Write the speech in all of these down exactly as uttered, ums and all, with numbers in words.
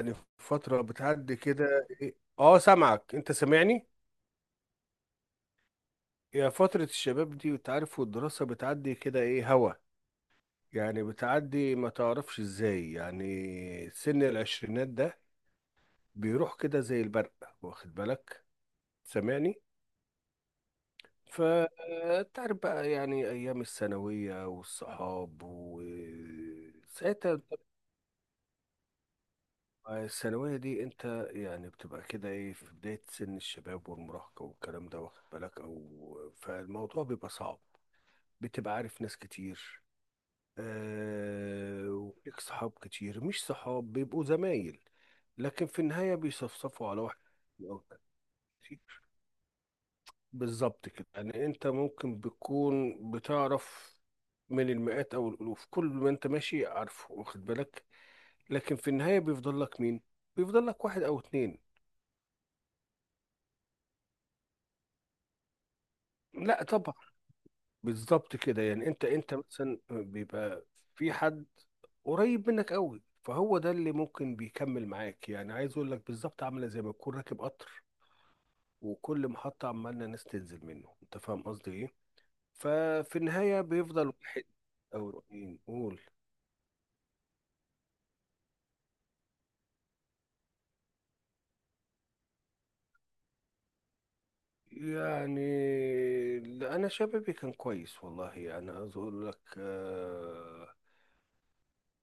يعني فترة بتعدي كده إيه؟ اه، سامعك، انت سامعني. يا فترة الشباب دي انت عارف، والدراسة بتعدي كده ايه هوا. يعني بتعدي ما تعرفش ازاي، يعني سن العشرينات ده بيروح كده زي البرق، واخد بالك. سامعني. فتعرف بقى يعني ايام الثانوية والصحاب وساعتها. آه، الثانوية دي انت يعني بتبقى كده ايه في بداية سن الشباب والمراهقة والكلام ده، واخد بالك، او فالموضوع بيبقى صعب. بتبقى عارف ناس كتير. آه، وليك صحاب كتير، مش صحاب بيبقوا زمايل. لكن في النهاية بيصفصفوا على واحد أو كتير. بالظبط كده، يعني انت ممكن بتكون بتعرف من المئات او الالوف كل ما انت ماشي عارفه، واخد بالك. لكن في النهاية بيفضل لك مين؟ بيفضل لك واحد او اتنين. لا طبعا. بالظبط كده، يعني انت انت مثلا بيبقى في حد قريب منك قوي، فهو ده اللي ممكن بيكمل معاك. يعني عايز اقول لك بالظبط، عامله زي ما تكون راكب قطر، وكل محطه عمالنا ناس تنزل منه، انت فاهم قصدي ايه؟ ففي النهايه بيفضل واحد او اتنين، قول. يعني لا، انا شبابي كان كويس والله. يعني عايز اقول لك آه،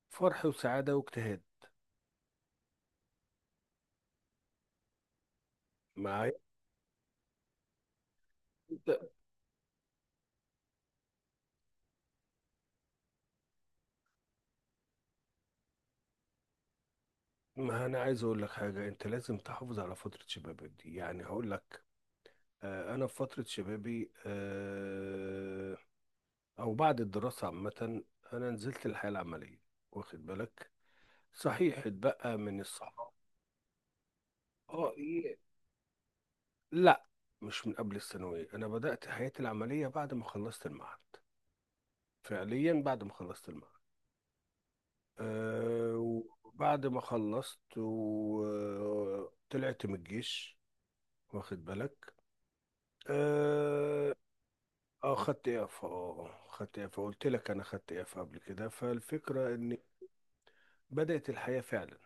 فرح وسعاده واجتهاد. معايا. ما انا عايز اقول لك حاجه، انت لازم تحافظ على فتره شبابك دي. يعني هقول لك آه، انا في فتره شبابي آه، او بعد الدراسه عامه، انا نزلت الحياه العمليه، واخد بالك. صحيح اتبقى من الصحاب. اه ايه. لا، مش من قبل الثانويه. انا بدات حياتي العمليه بعد ما خلصت المعهد، فعليا بعد ما خلصت المعهد. آه، وبعد ما خلصت وطلعت من الجيش، واخد بالك. آه، اه خدت اف اه آه، اه، خدت اف، قلت لك انا خدت اف قبل كده. فالفكره ان بدات الحياه فعلا،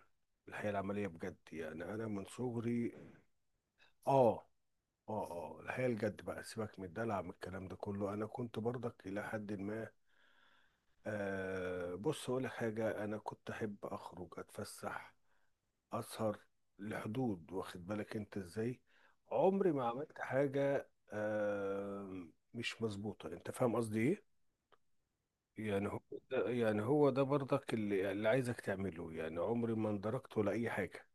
الحياه العمليه بجد. يعني انا من صغري، اه اه اه الحياه الجد بقى، سيبك من الدلع من الكلام ده كله. انا كنت برضك الى حد ما آه، بص اقول لك حاجه، انا كنت احب اخرج اتفسح اسهر لحدود، واخد بالك انت ازاي. عمري ما عملت حاجه آه مش مظبوطه، انت فاهم قصدي ايه؟ يعني هو ده يعني هو ده برضك اللي, اللي عايزك تعمله. يعني عمري ما اندركت ولا اي حاجه.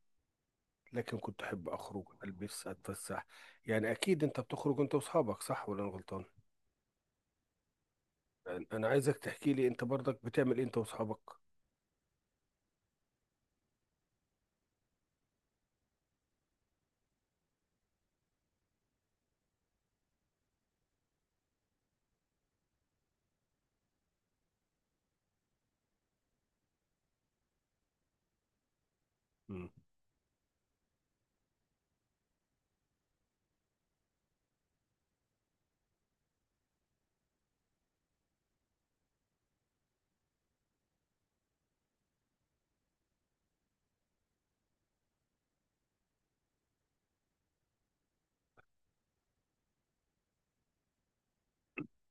لكن كنت احب اخرج البس اتفسح. يعني اكيد انت بتخرج انت واصحابك، صح ولا انا غلطان؟ يعني انا عايزك تحكي لي انت برضك بتعمل إيه انت واصحابك. مم.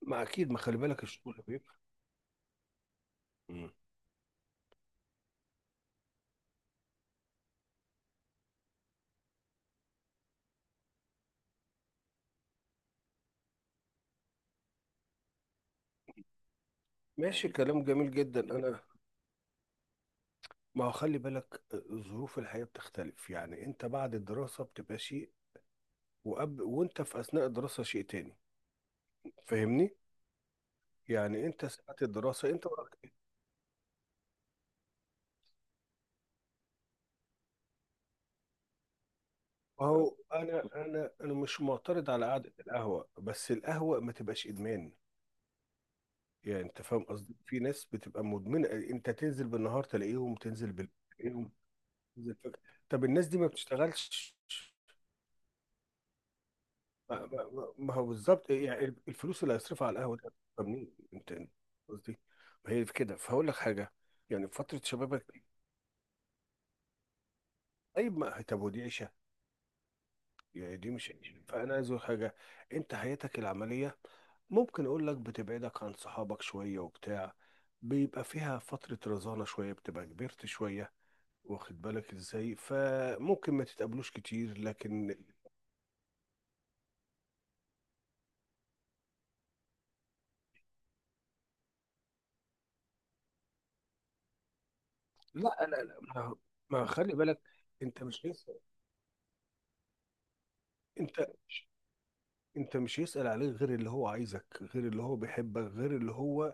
ما اكيد، ما خلي بالك الشغل بيبقى. مم. ماشي، كلام جميل جدا. انا ما هو خلي بالك ظروف الحياه بتختلف. يعني انت بعد الدراسه بتبقى شيء، وقبل وانت في اثناء الدراسه شيء تاني. فاهمني؟ يعني انت ساعات الدراسه انت. هو انا انا انا مش معترض على قعده القهوه، بس القهوه ما تبقاش ادمان. يعني انت فاهم قصدي، في ناس بتبقى مدمنه، انت تنزل بالنهار تلاقيهم، تنزل بالليل تلاقيهم، تنزل فجأة. طب الناس دي ما بتشتغلش؟ ما, ما, ما هو بالظبط، يعني الفلوس اللي هيصرفها على القهوه ده طب منين؟ انت أنت قصدي. ما هي في كده، فهقول لك حاجه. يعني في فتره شبابك دي، طيب ما طب ودي عيشه؟ يعني دي مش، فانا عايز اقول حاجه. انت حياتك العمليه ممكن اقول لك بتبعدك عن صحابك شويه وبتاع، بيبقى فيها فتره رزانه شويه، بتبقى كبرت شويه، واخد بالك ازاي. فممكن ما تتقابلوش كتير، لكن لا لا لا ما ما خلي بالك، انت مش لسه. انت انت مش يسأل عليه غير اللي هو عايزك، غير اللي هو بيحبك، غير اللي هو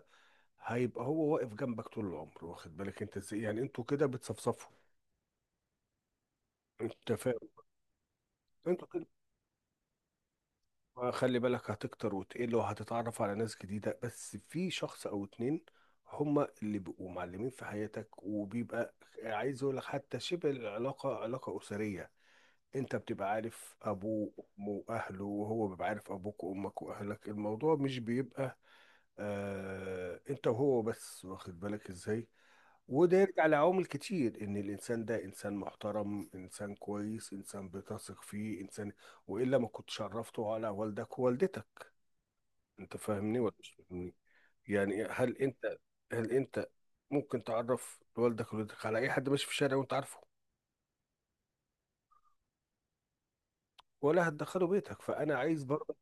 هيبقى هو واقف جنبك طول العمر، واخد بالك انت ازاي. يعني انتوا كده بتصفصفوا. انت فاهم؟ انتوا كده. خلي بالك هتكتر وتقل وهتتعرف على ناس جديدة، بس في شخص أو اتنين هما اللي بيبقوا معلمين في حياتك، وبيبقى عايز أقول لك، حتى شبه العلاقة علاقة أسرية. انت بتبقى عارف ابوه وامه واهله، وهو بيبقى عارف ابوك وامك واهلك. الموضوع مش بيبقى آه انت وهو بس، واخد بالك ازاي. وده يرجع لعوامل كتير، ان الانسان ده انسان محترم، انسان كويس، انسان بتثق فيه، انسان، والا ما كنتش عرفته على والدك ووالدتك. انت فاهمني ولا مش فاهمني؟ يعني هل انت هل انت ممكن تعرف والدك ووالدتك على اي حد ماشي في الشارع وانت عارفه؟ ولا هتدخله بيتك. فانا عايز برضه،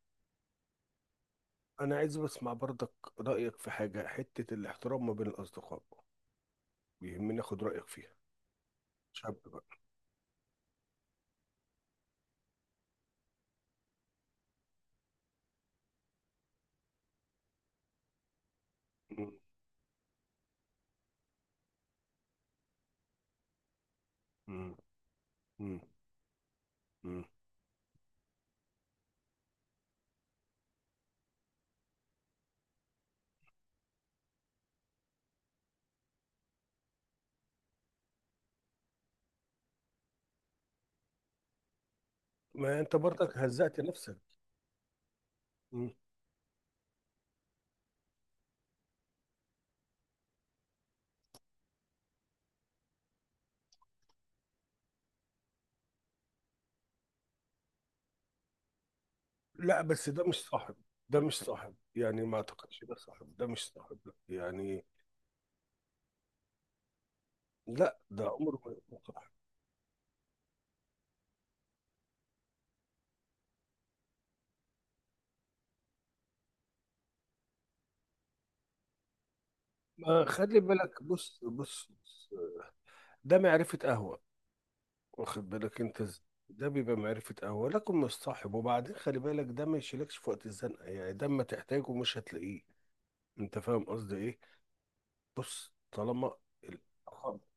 انا عايز بسمع برضك رايك في حاجه، حته الاحترام ما بين الاصدقاء بيهمني اخد رايك فيها. شاب بقى. مم. مم. مم. مم. ما انت برضك هزأت نفسك. مم. لا، بس ده مش صاحب. ده مش صاحب، يعني ما اعتقدش ده صاحب، ده مش صاحب لا. يعني لا، ده عمره ما يكون صاحب. ما خلي بالك، بص بص بص، ده معرفه قهوه، واخد بالك انت ازاي. ده بيبقى معرفة قهوة لكن مش صاحب. وبعدين خلي بالك، ده ما يشيلكش في وقت الزنقة، يعني ده ما تحتاجه مش هتلاقيه. انت فاهم قصدي ايه؟ بص، طالما ال- خالص.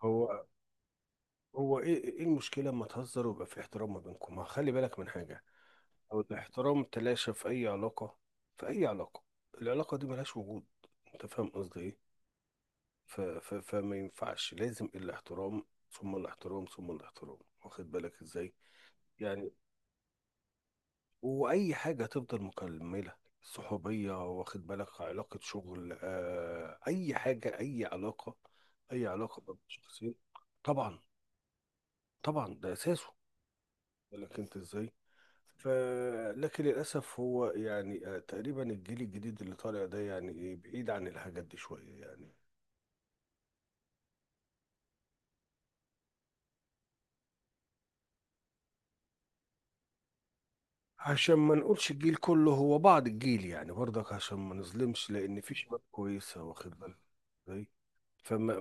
هو هو ايه؟ ايه المشكله اما تهزر ويبقى في احترام ما بينكم، ما خلي بالك من حاجه. او الاحترام تلاشى في اي علاقه، في اي علاقه، العلاقه دي ملهاش وجود. انت فاهم قصدي ايه؟ ف ف فما ينفعش، لازم الاحترام ثم الاحترام ثم الاحترام، واخد بالك ازاي. يعني واي حاجه تفضل مكمله، صحوبيه واخد بالك، علاقه شغل آه، اي حاجه، اي علاقه، اي علاقه بين شخصين. طبعا. طبعا ده اساسه. لكن انت ازاي. ف، لكن للاسف هو يعني آه تقريبا الجيل الجديد اللي طالع ده يعني إيه، بعيد عن الحاجات دي شويه يعني. عشان ما نقولش الجيل كله، هو بعض الجيل يعني برضك، عشان ما نظلمش، لان في شباب كويسه، واخد بالك ازاي. فما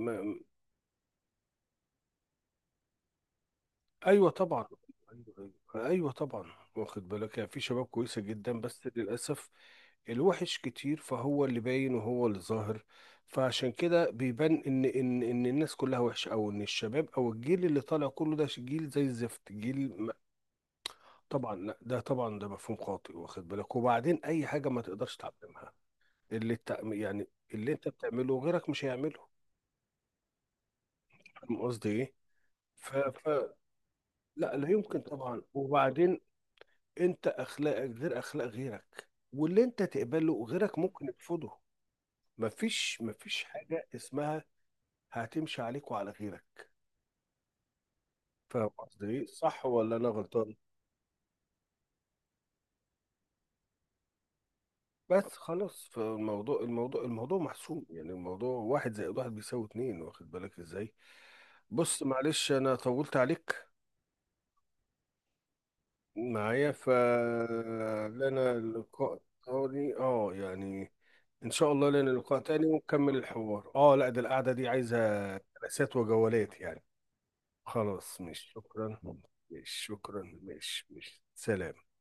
ايوه طبعا، ايوه، أيوة. أيوة طبعا، واخد بالك. يعني في شباب كويسه جدا، بس للاسف الوحش كتير، فهو اللي باين وهو اللي ظاهر. فعشان كده بيبان ان ان ان الناس كلها وحشه، او ان الشباب او الجيل اللي طالع كله ده جيل زي الزفت، جيل م-. طبعا لا، ده طبعا ده مفهوم خاطئ، واخد بالك. وبعدين اي حاجه ما تقدرش تعلمها. اللي التع... يعني اللي انت بتعمله غيرك مش هيعمله. فاهم قصدي ايه؟ ف... ف... لا لا، يمكن طبعا. وبعدين انت اخلاقك غير اخلاق غيرك، واللي انت تقبله غيرك ممكن يرفضه. مفيش مفيش حاجه اسمها هتمشي عليك وعلى غيرك. فاهم قصدي ايه، صح ولا انا غلطان؟ بس خلاص، فالموضوع الموضوع الموضوع محسوم. يعني الموضوع واحد زائد واحد بيساوي اتنين، واخد بالك ازاي. بص معلش، انا طولت عليك معايا، فلنا اللقاء تاني اه يعني. ان شاء الله لنا لقاء تاني ونكمل الحوار. اه لا، ده القعدة دي عايزة جلسات وجولات يعني. خلاص، مش شكرا، مش شكرا، مش مش سلام.